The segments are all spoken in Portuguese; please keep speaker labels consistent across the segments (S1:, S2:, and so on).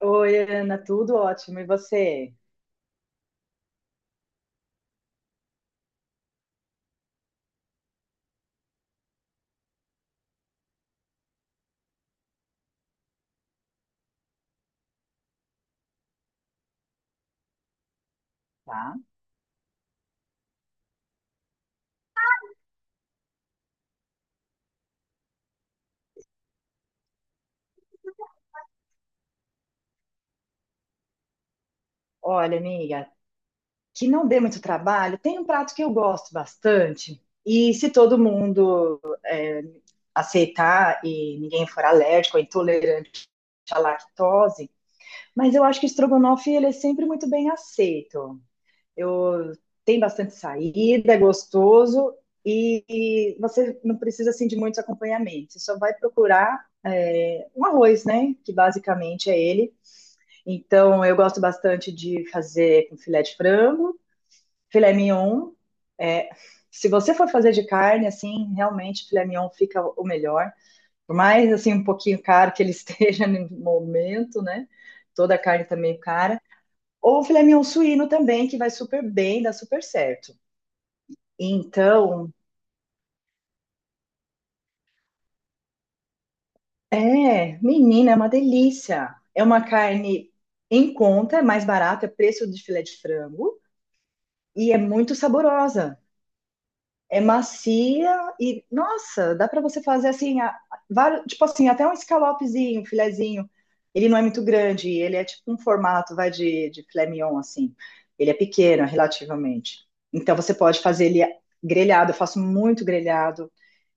S1: Oi, Ana, tudo ótimo. E você? Tá? Olha, amiga, que não dê muito trabalho, tem um prato que eu gosto bastante. E se todo mundo aceitar e ninguém for alérgico ou intolerante à lactose, mas eu acho que o estrogonofe ele é sempre muito bem aceito. Eu tem bastante saída, é gostoso e, e você não precisa assim de muitos acompanhamentos. Você só vai procurar é, um arroz, né? Que basicamente é ele. Então, eu gosto bastante de fazer com filé de frango, filé mignon. É, se você for fazer de carne, assim, realmente filé mignon fica o melhor. Por mais, assim, um pouquinho caro que ele esteja no momento, né? Toda a carne tá meio cara. Ou filé mignon suíno também, que vai super bem, dá super certo. Então, é, menina, é uma delícia. É uma carne em conta, é mais barata, é preço de filé de frango e é muito saborosa. É macia e, nossa, dá para você fazer assim, tipo assim, até um escalopezinho, um filezinho. Ele não é muito grande, ele é tipo um formato, vai de filé mignon, assim. Ele é pequeno, relativamente. Então você pode fazer ele grelhado, eu faço muito grelhado.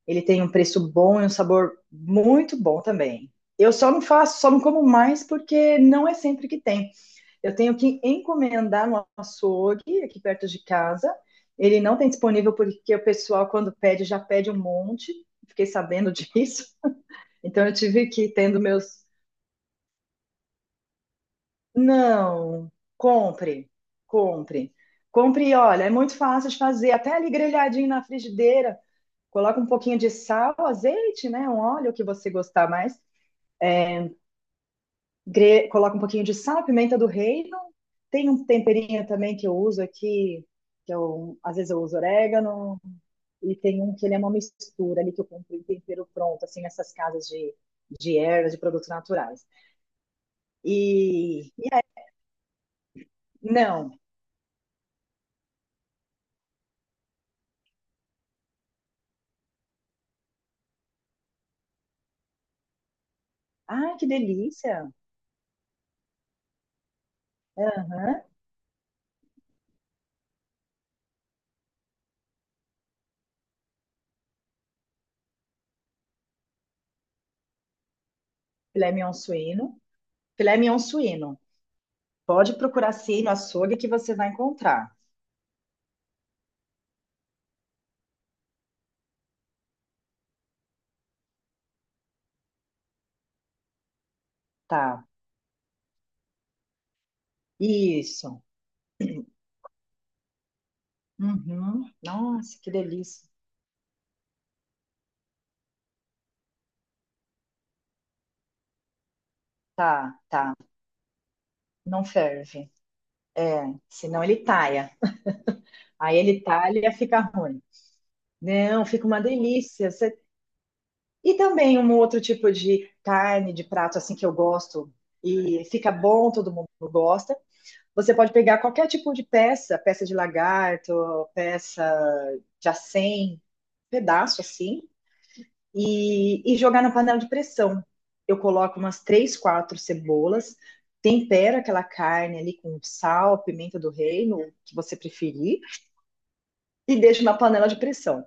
S1: Ele tem um preço bom e um sabor muito bom também. Eu só não faço, só não como mais porque não é sempre que tem. Eu tenho que encomendar no açougue, aqui perto de casa. Ele não tem disponível porque o pessoal, quando pede, já pede um monte. Fiquei sabendo disso. Então, eu tive que ir tendo meus. Não, compre, compre. Compre, olha, é muito fácil de fazer. Até ali grelhadinho na frigideira. Coloca um pouquinho de sal, azeite, né? Um óleo que você gostar mais. Coloco um pouquinho de sal, pimenta do reino. Tem um temperinho também que eu uso aqui, que eu, às vezes eu uso orégano, e tem um que ele é uma mistura ali que eu compro em tempero pronto, assim, nessas casas de ervas, de produtos naturais. E não. Ai, que delícia! Aham. Filé mignon suíno. Filé mignon suíno. Pode procurar sim no açougue que você vai encontrar. Tá. Isso. Uhum. Nossa, que delícia. Tá, tá. Não ferve. É, senão ele talha. Aí ele talha, fica ruim. Não, fica uma delícia. Você... E também um outro tipo de carne, de prato assim que eu gosto e fica bom, todo mundo gosta. Você pode pegar qualquer tipo de peça, peça de lagarto, peça de acém, pedaço assim, e jogar na panela de pressão. Eu coloco umas três, quatro cebolas, tempero aquela carne ali com sal, pimenta do reino, o que você preferir. E deixo na panela de pressão.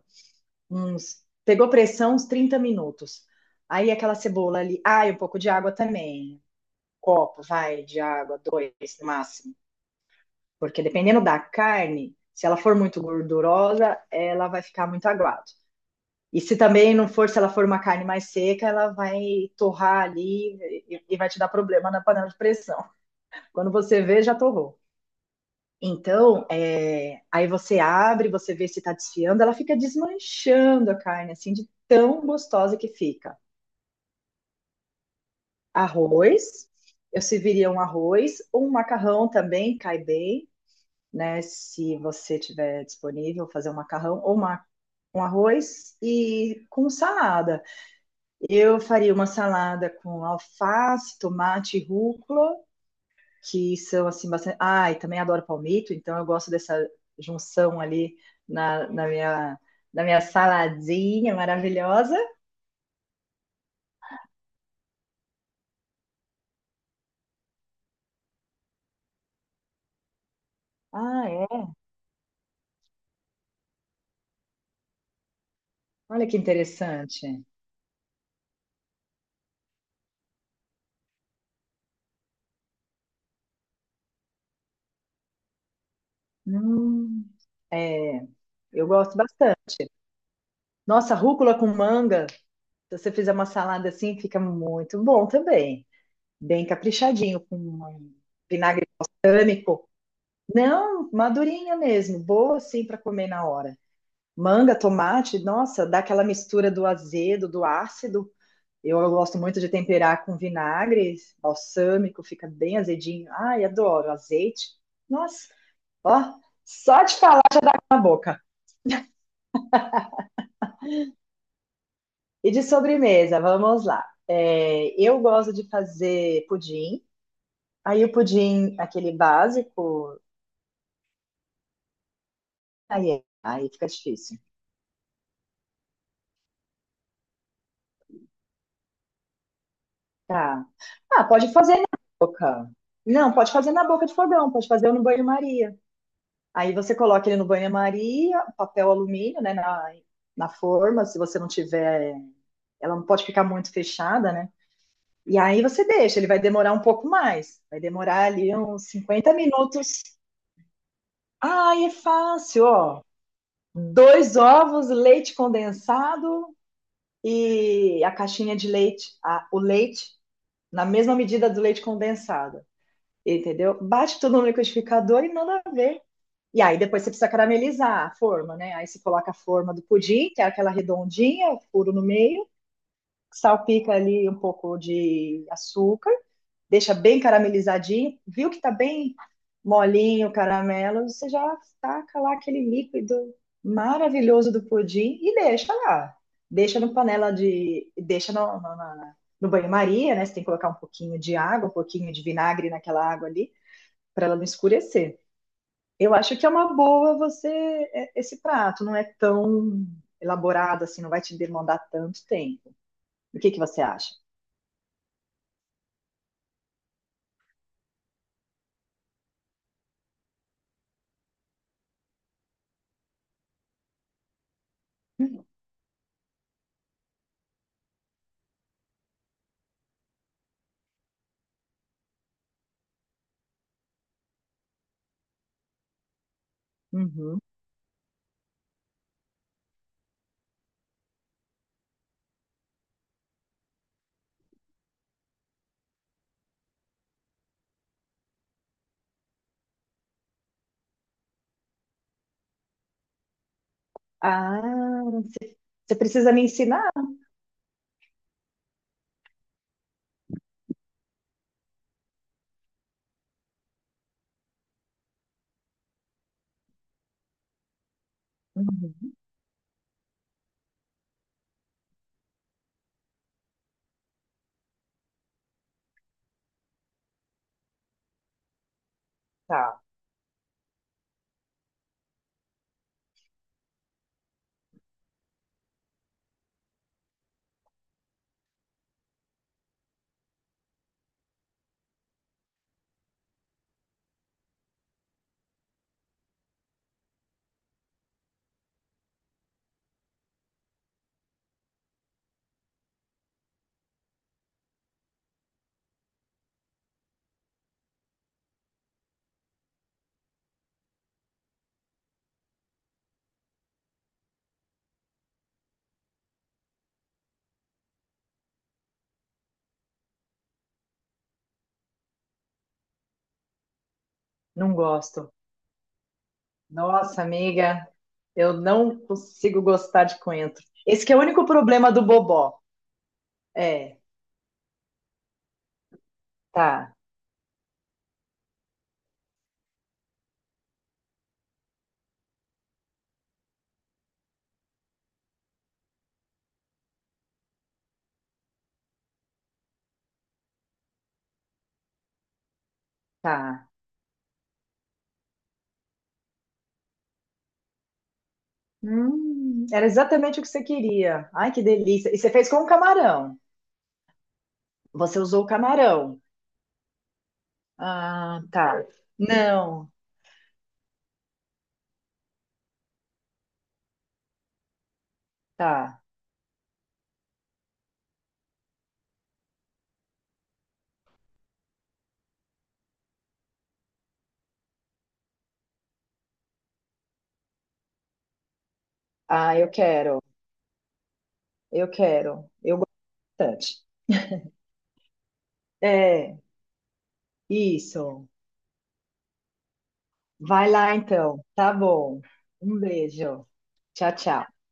S1: Uns, pegou pressão uns 30 minutos. Aí aquela cebola ali, ah, e um pouco de água também. Um copo, vai, de água, dois no máximo. Porque dependendo da carne, se ela for muito gordurosa, ela vai ficar muito aguada. E se também não for, se ela for uma carne mais seca, ela vai torrar ali e vai te dar problema na panela de pressão. Quando você vê, já torrou. Então, é, aí você abre, você vê se está desfiando, ela fica desmanchando a carne, assim, de tão gostosa que fica. Arroz, eu serviria um arroz, um macarrão também cai bem, né? Se você tiver disponível, fazer um macarrão ou uma, um arroz e com salada. Eu faria uma salada com alface, tomate, rúcula que são assim bastante. Ah, e também adoro palmito, então eu gosto dessa junção ali na, na minha da minha saladinha maravilhosa. Ah, é? Olha que interessante. Hum, é, eu gosto bastante. Nossa, rúcula com manga, se você fizer uma salada assim, fica muito bom também. Bem caprichadinho, com um vinagre tâmico. Não, madurinha mesmo, boa assim para comer na hora. Manga, tomate, nossa, dá aquela mistura do azedo, do ácido. Eu gosto muito de temperar com vinagre, balsâmico, fica bem azedinho. Ai, adoro azeite. Nossa, ó, só de falar na boca. E de sobremesa, vamos lá. É, eu gosto de fazer pudim. Aí o pudim, aquele básico, aí, é, aí fica difícil. Tá. Ah, pode fazer na boca. Não, pode fazer na boca de fogão, pode fazer no banho-maria. Aí você coloca ele no banho-maria, papel alumínio, né, na forma, se você não tiver, ela não pode ficar muito fechada, né? E aí você deixa, ele vai demorar um pouco mais, vai demorar ali uns 50 minutos. Ai, é fácil, ó. Dois ovos, leite condensado e a caixinha de leite, o leite na mesma medida do leite condensado, entendeu? Bate tudo no liquidificador e manda ver. E aí depois você precisa caramelizar a forma, né? Aí você coloca a forma do pudim, que é aquela redondinha, furo no meio, salpica ali um pouco de açúcar, deixa bem caramelizadinho. Viu que tá bem molinho o caramelo, você já taca lá aquele líquido maravilhoso do pudim e deixa lá. Deixa no panela de. Deixa no banho-maria, né? Você tem que colocar um pouquinho de água, um pouquinho de vinagre naquela água ali, para ela não escurecer. Eu acho que é uma boa você é, esse prato, não é tão elaborado assim, não vai te demandar tanto tempo. O que que você acha? Uhum. Ah, você você precisa me ensinar? Uhum. Tá, não gosto. Nossa, amiga, eu não consigo gostar de coentro. Esse que é o único problema do bobó. É, tá, tá. Era exatamente o que você queria. Ai, que delícia. E você fez com o camarão. Você usou o camarão. Ah, tá. Não, tá. Ah, eu quero, eu quero, eu gosto bastante. É, isso. Vai lá então, tá bom. Um beijo. Tchau, tchau.